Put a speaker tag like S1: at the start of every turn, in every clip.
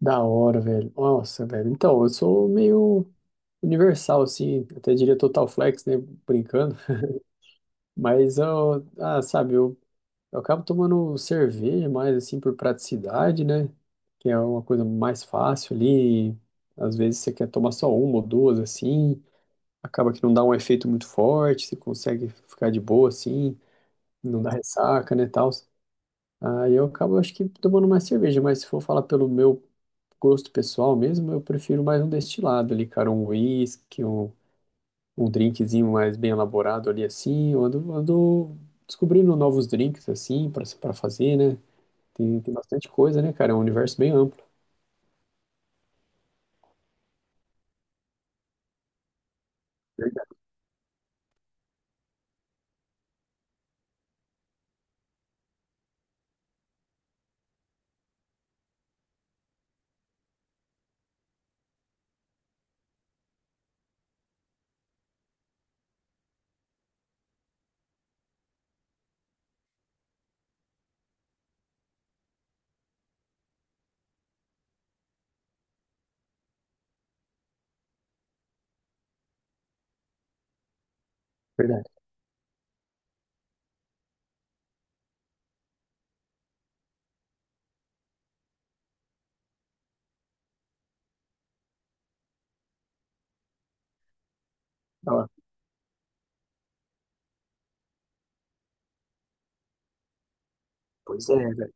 S1: Da hora, velho. Nossa, velho. Então, eu sou meio universal, assim, até diria total flex, né? Brincando. Mas eu, ah, sabe, eu acabo tomando cerveja mais, assim, por praticidade, né? Que é uma coisa mais fácil ali. Às vezes você quer tomar só uma ou duas, assim. Acaba que não dá um efeito muito forte, você consegue ficar de boa, assim. Não dá ressaca, né, tal. Aí eu acabo, acho que, tomando mais cerveja. Mas se for falar pelo meu gosto pessoal mesmo, eu prefiro mais um destilado ali, cara, um whisky, um drinkzinho mais bem elaborado ali assim. Eu ando descobrindo novos drinks assim pra para fazer, né? Tem bastante coisa, né, cara? É um universo bem amplo. Verdade, verdade. Ó, pois é, velho.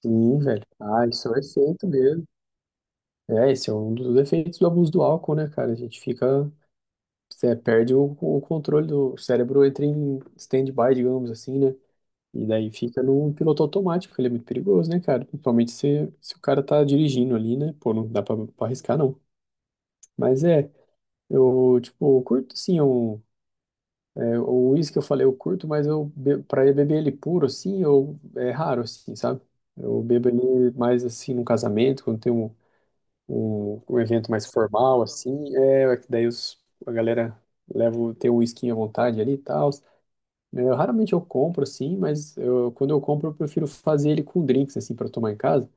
S1: Sim, velho. Ah, isso é um efeito mesmo. É, esse é um dos efeitos do abuso do álcool, né, cara? A gente fica, você perde o controle do o cérebro, entra em stand-by, digamos assim, né? E daí fica num piloto automático, ele é muito perigoso, né, cara? Principalmente se o cara tá dirigindo ali, né? Pô, não dá pra arriscar, não. Mas é, eu, tipo, eu curto sim o uísque que eu falei, eu curto, mas pra eu beber ele puro, assim, eu, é raro, assim, sabe? Eu bebo ele mais, assim, num casamento, quando tem um evento mais formal, assim, é que daí os, a galera leva, tem o uísquinho à vontade ali e tal. Eu raramente eu compro assim, mas eu, quando eu compro eu prefiro fazer ele com drinks assim para tomar em casa.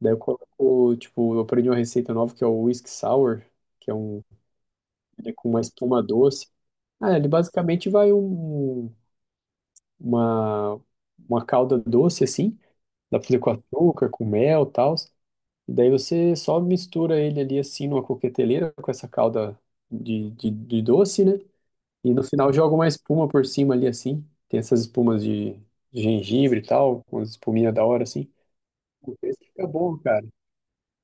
S1: Daí eu coloco, tipo, eu aprendi uma receita nova que é o whisky sour, que é ele é com uma espuma doce. Ah, ele basicamente vai uma uma calda doce assim, dá pra fazer com açúcar, com mel, e tal. Daí você só mistura ele ali assim numa coqueteleira com essa calda de doce, né? E no final joga uma espuma por cima ali, assim. Tem essas espumas de gengibre e tal, com as espuminhas da hora, assim. O texto fica bom, cara.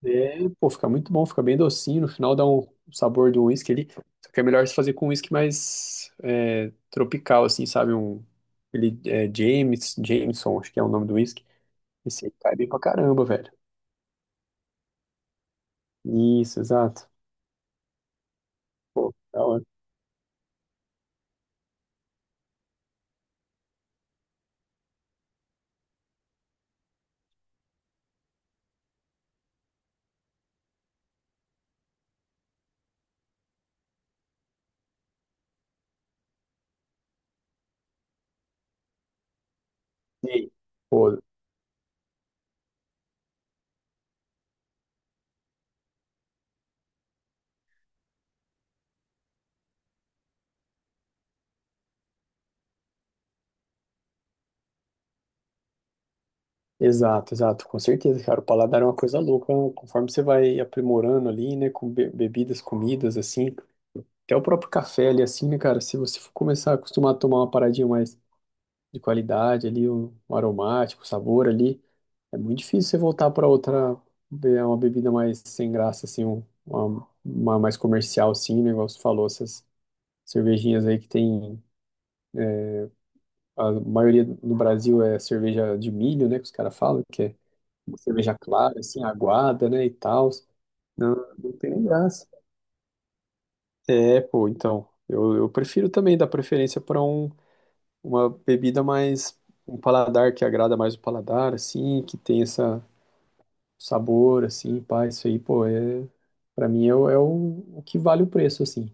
S1: É, pô, fica muito bom, fica bem docinho. No final dá um sabor do uísque ali. Só que é melhor se fazer com um uísque mais é, tropical, assim, sabe? James, Jameson, acho que é o nome do uísque. Esse aí cai bem pra caramba, velho. Isso, exato. Pô, da hora. E aí? Pô, exato, exato, com certeza, cara. O paladar é uma coisa louca, né? Conforme você vai aprimorando ali, né, com bebidas, comidas, assim, até o próprio café ali, assim, né, cara, se você for começar a acostumar a tomar uma paradinha mais de qualidade ali, um aromático, um sabor ali, é muito difícil você voltar para outra, uma bebida mais sem graça, assim, uma mais comercial, assim, né, igual você falou, essas cervejinhas aí que tem, a maioria no Brasil é cerveja de milho, né, que os caras falam, uma cerveja clara, assim, aguada, né, e tal. Não, não tem nem graça. É, pô, então, eu prefiro também dar preferência para um, uma bebida mais, um paladar que agrada mais o paladar, assim, que tem essa sabor, assim, pá, isso aí, pô, é, para mim é, é o que vale o preço, assim.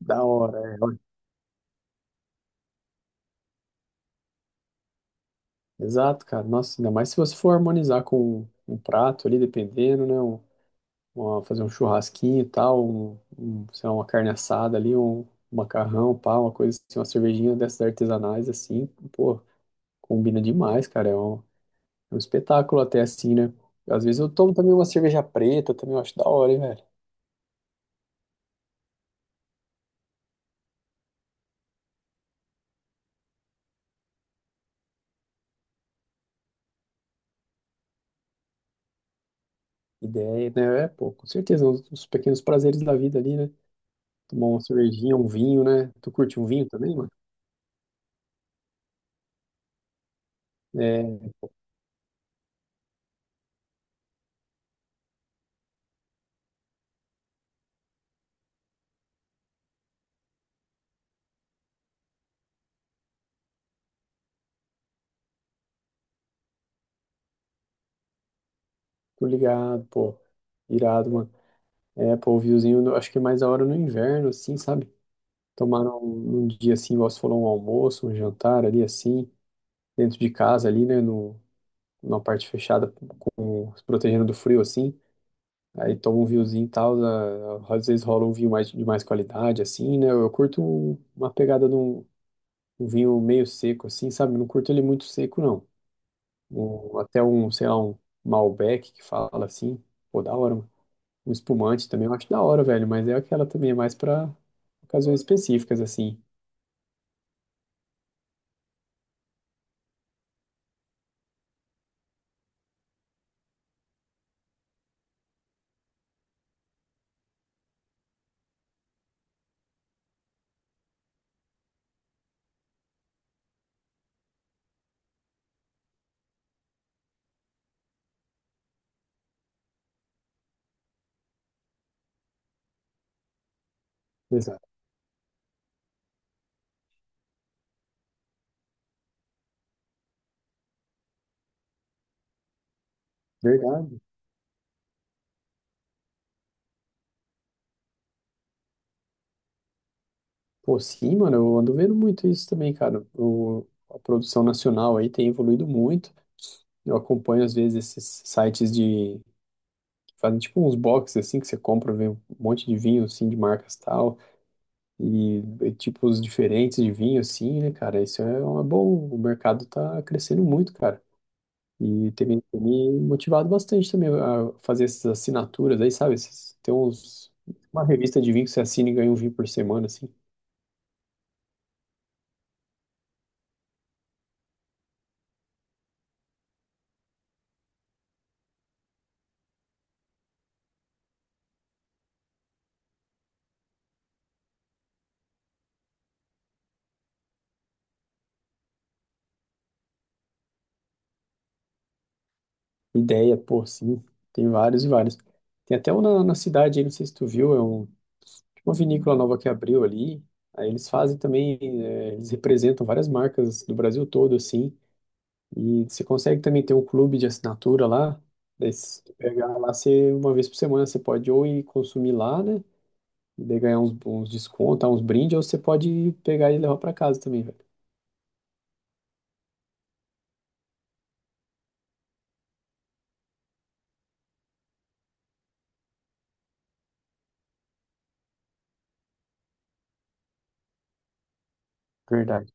S1: Da hora, é. Exato, cara. Nossa, ainda mais se você for harmonizar com um prato ali, dependendo, né? Fazer um churrasquinho e tal, sei lá, uma carne assada ali, um macarrão, pá, uma coisa assim, uma cervejinha dessas artesanais assim, pô, combina demais, cara, é um espetáculo até assim, né? Às vezes eu tomo também uma cerveja preta, também eu acho da hora, hein, velho? Ideia, né? É, pô, com certeza, os pequenos prazeres da vida ali, né? Tomar uma cervejinha, um vinho, né? Tu curte um vinho também, mano? É, tô ligado, pô. Irado, mano. É, pô, o vinhozinho, eu acho que é mais da hora no inverno, assim, sabe? Tomar um dia assim, igual você falou, um almoço, um jantar ali assim, dentro de casa ali, né, no, numa parte fechada, com, se protegendo do frio assim. Aí toma um vinhozinho e tal, às vezes rola um vinho mais, de mais qualidade assim, né? Eu curto uma pegada de um, um vinho meio seco assim, sabe? Não curto ele muito seco não. Sei lá, um Malbec que fala assim, pô, da hora, mano. Um espumante também eu acho da hora, velho, mas é aquela também, é mais pra ocasiões específicas assim. Exato. Verdade. Pô, sim, mano, eu ando vendo muito isso também, cara. O, a produção nacional aí tem evoluído muito. Eu acompanho, às vezes, esses sites de... que fazem tipo uns boxes, assim, que você compra, vê um monte de vinho, assim, de marcas tal, e tipos diferentes de vinho, assim, né, cara? Isso é uma boa... O mercado tá crescendo muito, cara. E tem me motivado bastante também a fazer essas assinaturas aí, sabe? Tem uns... Uma revista de vinho que você assina e ganha um vinho por semana, assim. Ideia, pô, sim. Tem vários e vários. Tem até um na cidade, aí, não sei se tu viu, é um, tipo uma vinícola nova que abriu ali. Aí eles fazem também, é, eles representam várias marcas do Brasil todo, assim. E você consegue também ter um clube de assinatura lá. Daí se tu pegar lá, você, uma vez por semana você pode ou ir consumir lá, né? E daí ganhar uns descontos, uns brindes, ou você pode pegar e levar para casa também, velho. Verdade.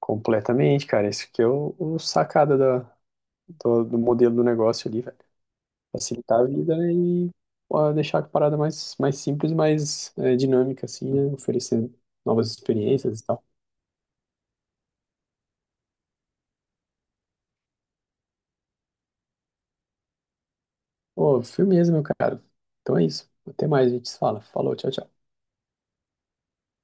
S1: Completamente, cara. Isso que é o sacada da, do modelo do negócio ali, velho. Facilitar a vida, né? E pô, deixar a parada mais simples, mais é, dinâmica, assim, né? Oferecendo novas experiências e tal. Pô, firmeza, meu cara. Então é isso. Até mais, a gente se fala. Falou, tchau, tchau.